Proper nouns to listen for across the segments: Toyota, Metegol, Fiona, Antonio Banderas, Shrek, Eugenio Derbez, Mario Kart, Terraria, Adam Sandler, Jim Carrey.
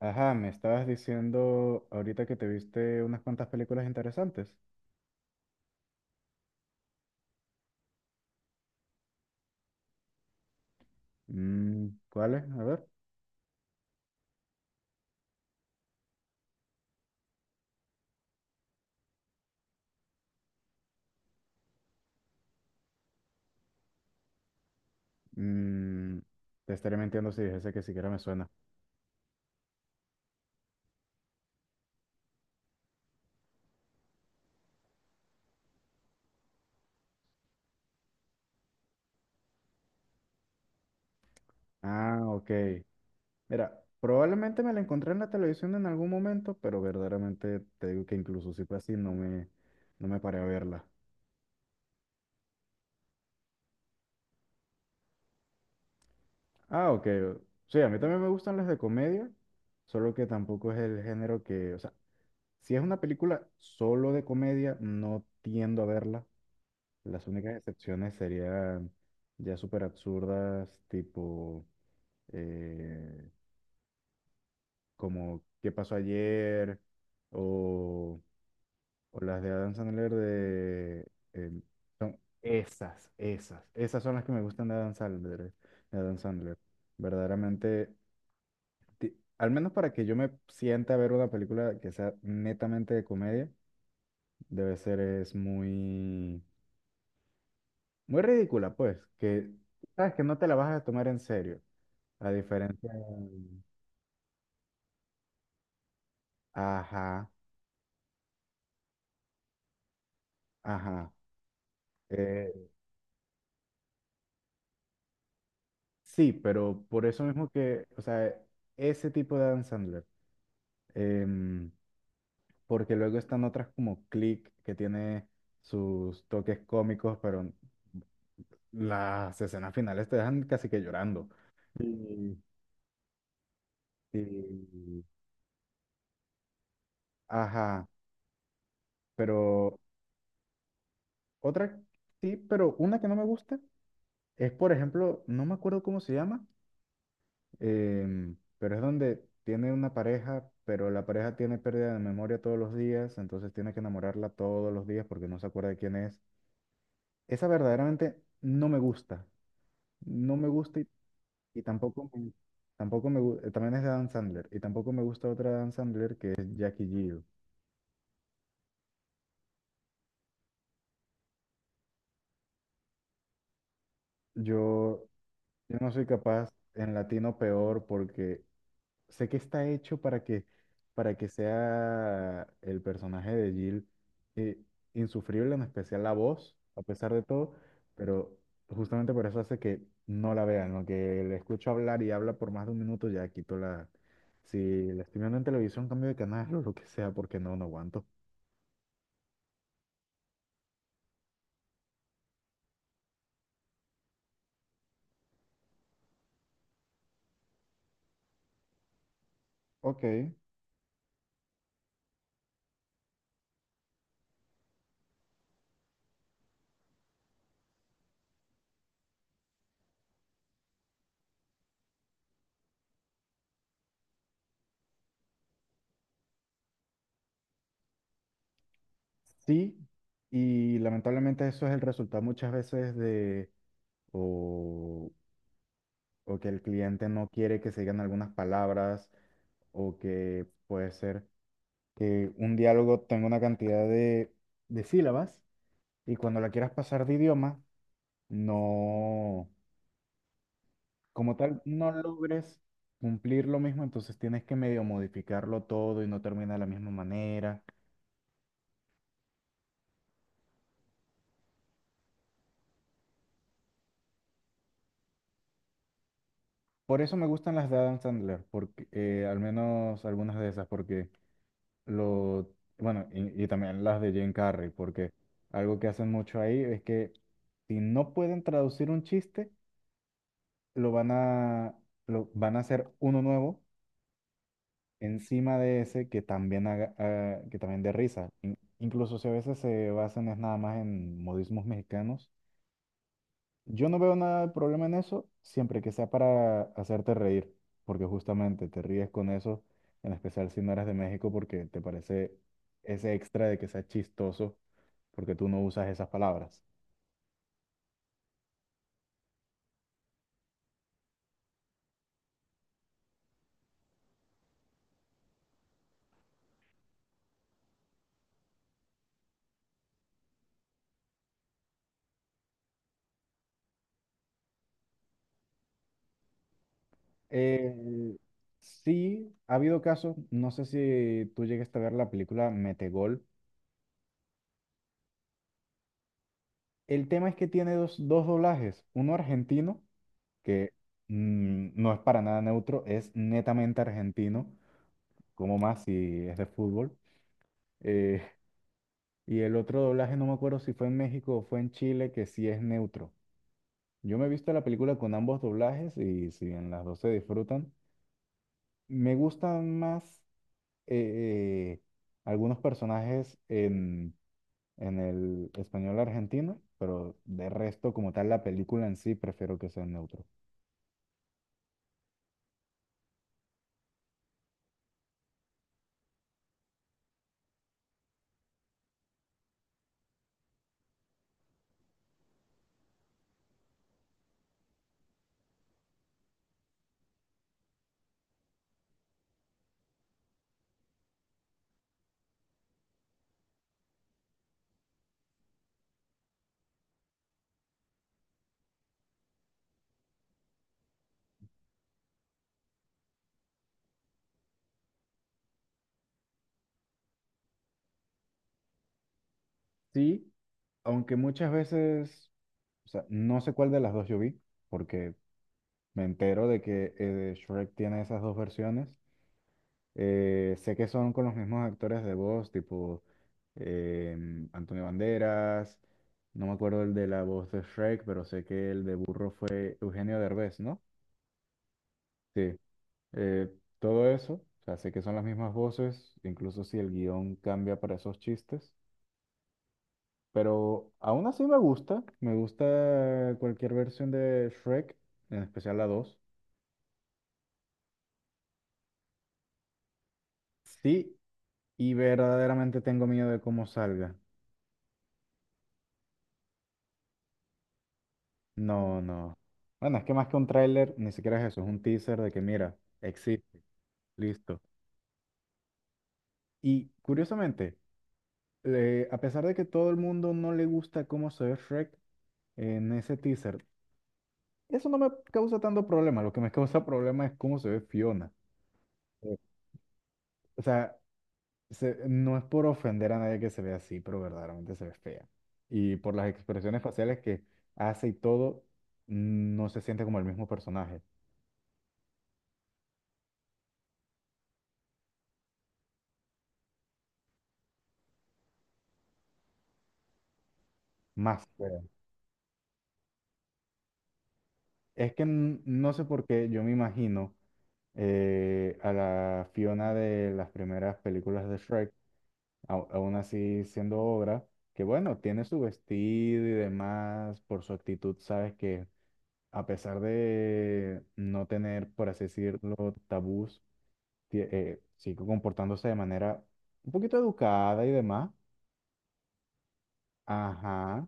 Ajá, me estabas diciendo ahorita que te viste unas cuantas películas interesantes. Mm, ¿cuáles? A ver. Mm, te estaré mintiendo si dijese que siquiera me suena. Ah, ok. Mira, probablemente me la encontré en la televisión en algún momento, pero verdaderamente te digo que incluso si fue así, no me paré a verla. Ah, ok. Sí, a mí también me gustan las de comedia, solo que tampoco es el género que, o sea, si es una película solo de comedia, no tiendo a verla. Las únicas excepciones serían ya súper absurdas, tipo eh, como ¿Qué pasó ayer?, o, o las de Adam Sandler de... em, son esas, esas. Esas son las que me gustan de Adam Sandler. De Adam Sandler. Verdaderamente, al menos para que yo me sienta a ver una película que sea netamente de comedia, debe ser es muy ridícula, pues, que sabes que no te la vas a tomar en serio. La diferencia. Ajá, ajá. Eh, sí, pero por eso mismo que, o sea, ese tipo de Adam Sandler. em, Porque luego están otras como Click, que tiene sus toques cómicos, pero las escenas finales te dejan casi que llorando. Y, y- ajá, pero otra, sí, pero una que no me gusta es, por ejemplo, no me acuerdo cómo se llama. Pero es donde tiene una pareja, pero la pareja tiene pérdida de memoria todos los días, entonces tiene que enamorarla todos los días porque no se acuerda de quién es. Esa verdaderamente no me gusta. No me gusta y tampoco me gusta. También es de Adam Sandler. Y tampoco me gusta otra de Adam Sandler que es Jackie Jill. Yo, yo no soy capaz en latino peor porque sé que está hecho para que sea el personaje de Jill eh, insufrible, en especial la voz, a pesar de todo, pero justamente por eso hace que no la vean, lo que le escucho hablar y habla por más de un minuto, ya quito la... Si la estoy viendo en televisión, cambio de canal o lo que sea, porque no aguanto. Ok, sí, y lamentablemente eso es el resultado muchas veces de, o, o que el cliente no quiere que se digan algunas palabras o que puede ser que un diálogo tenga una cantidad de sílabas y cuando la quieras pasar de idioma, no, como tal, no logres cumplir lo mismo, entonces tienes que medio modificarlo todo y no termina de la misma manera. Por eso me gustan las de Adam Sandler, porque, al menos algunas de esas, porque lo, bueno, y también las de Jim Carrey, porque algo que hacen mucho ahí es que si no pueden traducir un chiste, lo van a, lo, van a hacer uno nuevo encima de ese que también, haga, ah, que también dé risa. Incluso si a veces se basan es nada más en modismos mexicanos. Yo no veo nada de problema en eso, siempre que sea para hacerte reír, porque justamente te ríes con eso, en especial si no eres de México, porque te parece ese extra de que sea chistoso, porque tú no usas esas palabras. Eh, sí, ha habido casos, no sé si tú llegaste a ver la película Metegol. El tema es que tiene dos doblajes, uno argentino, que no es para nada neutro, es netamente argentino, como más si es de fútbol. eh, y el otro doblaje, no me acuerdo si fue en México o fue en Chile, que sí es neutro. Yo me he visto la película con ambos doblajes y si en las dos se disfrutan, me gustan más eh, eh, algunos personajes en el español argentino, pero de resto, como tal, la película en sí prefiero que sea en neutro. Sí, aunque muchas veces, o sea, no sé cuál de las dos yo vi, porque me entero de que Shrek tiene esas dos versiones. Sé que son con los mismos actores de voz, tipo Antonio Banderas, no me acuerdo el de la voz de Shrek, pero sé que el de Burro fue Eugenio Derbez, ¿no? Sí. eh, Todo eso. O sea, sé que son las mismas voces, incluso si el guión cambia para esos chistes. Pero aún así me gusta. Me gusta cualquier versión de Shrek, en especial la dos. Sí, y verdaderamente tengo miedo de cómo salga. No, no. Bueno, es que más que un tráiler, ni siquiera es eso, es un teaser de que mira, existe, listo. Y curiosamente, a pesar de que todo el mundo no le gusta cómo se ve Shrek, en ese teaser eso no me causa tanto problema. Lo que me causa problema es cómo se ve Fiona. Eh, O sea, no es por ofender a nadie que se ve así, pero verdaderamente se ve fea. Y por las expresiones faciales que hace y todo, no se siente como el mismo personaje. Más fea. Es que no sé por qué yo me imagino a la Fiona de las primeras películas de Shrek, aún así siendo obra, que bueno, tiene su vestido y demás, por su actitud, sabes que a pesar de no tener, por así decirlo, tabús, sigo comportándose de manera un poquito educada y demás. Ajá,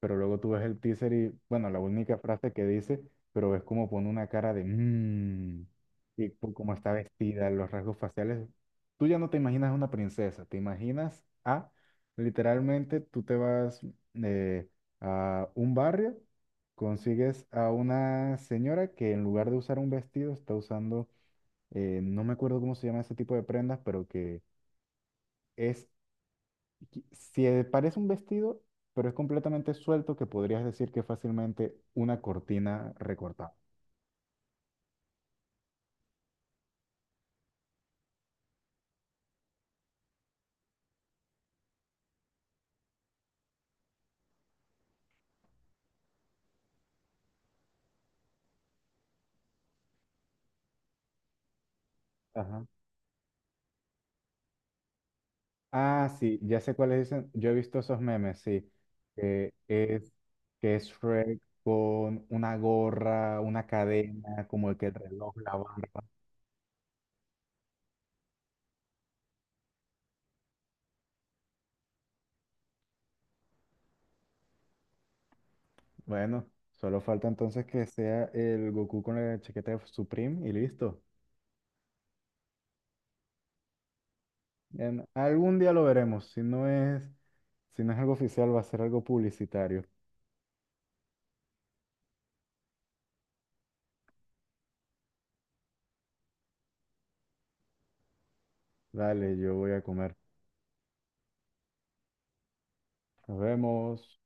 pero luego tú ves el teaser y, bueno, la única frase que dice, pero es como pone una cara de mmm, y cómo está vestida, los rasgos faciales. Tú ya no te imaginas una princesa, te imaginas a, literalmente, tú te vas eh, a un barrio, consigues a una señora que en lugar de usar un vestido está usando, no me acuerdo cómo se llama ese tipo de prendas, pero que... Es se parece un vestido, pero es completamente suelto que podrías decir que es fácilmente una cortina recortada. Ajá. Ah, sí, ya sé cuáles dicen. Yo he visto esos memes, sí. Que es, que es Shrek con una gorra, una cadena, como el que el reloj, la barba. Bueno, solo falta entonces que sea el Goku con la chaqueta de Supreme y listo. Algún día lo veremos. Si no es, si no es algo oficial, va a ser algo publicitario. Dale, yo voy a comer. Nos vemos.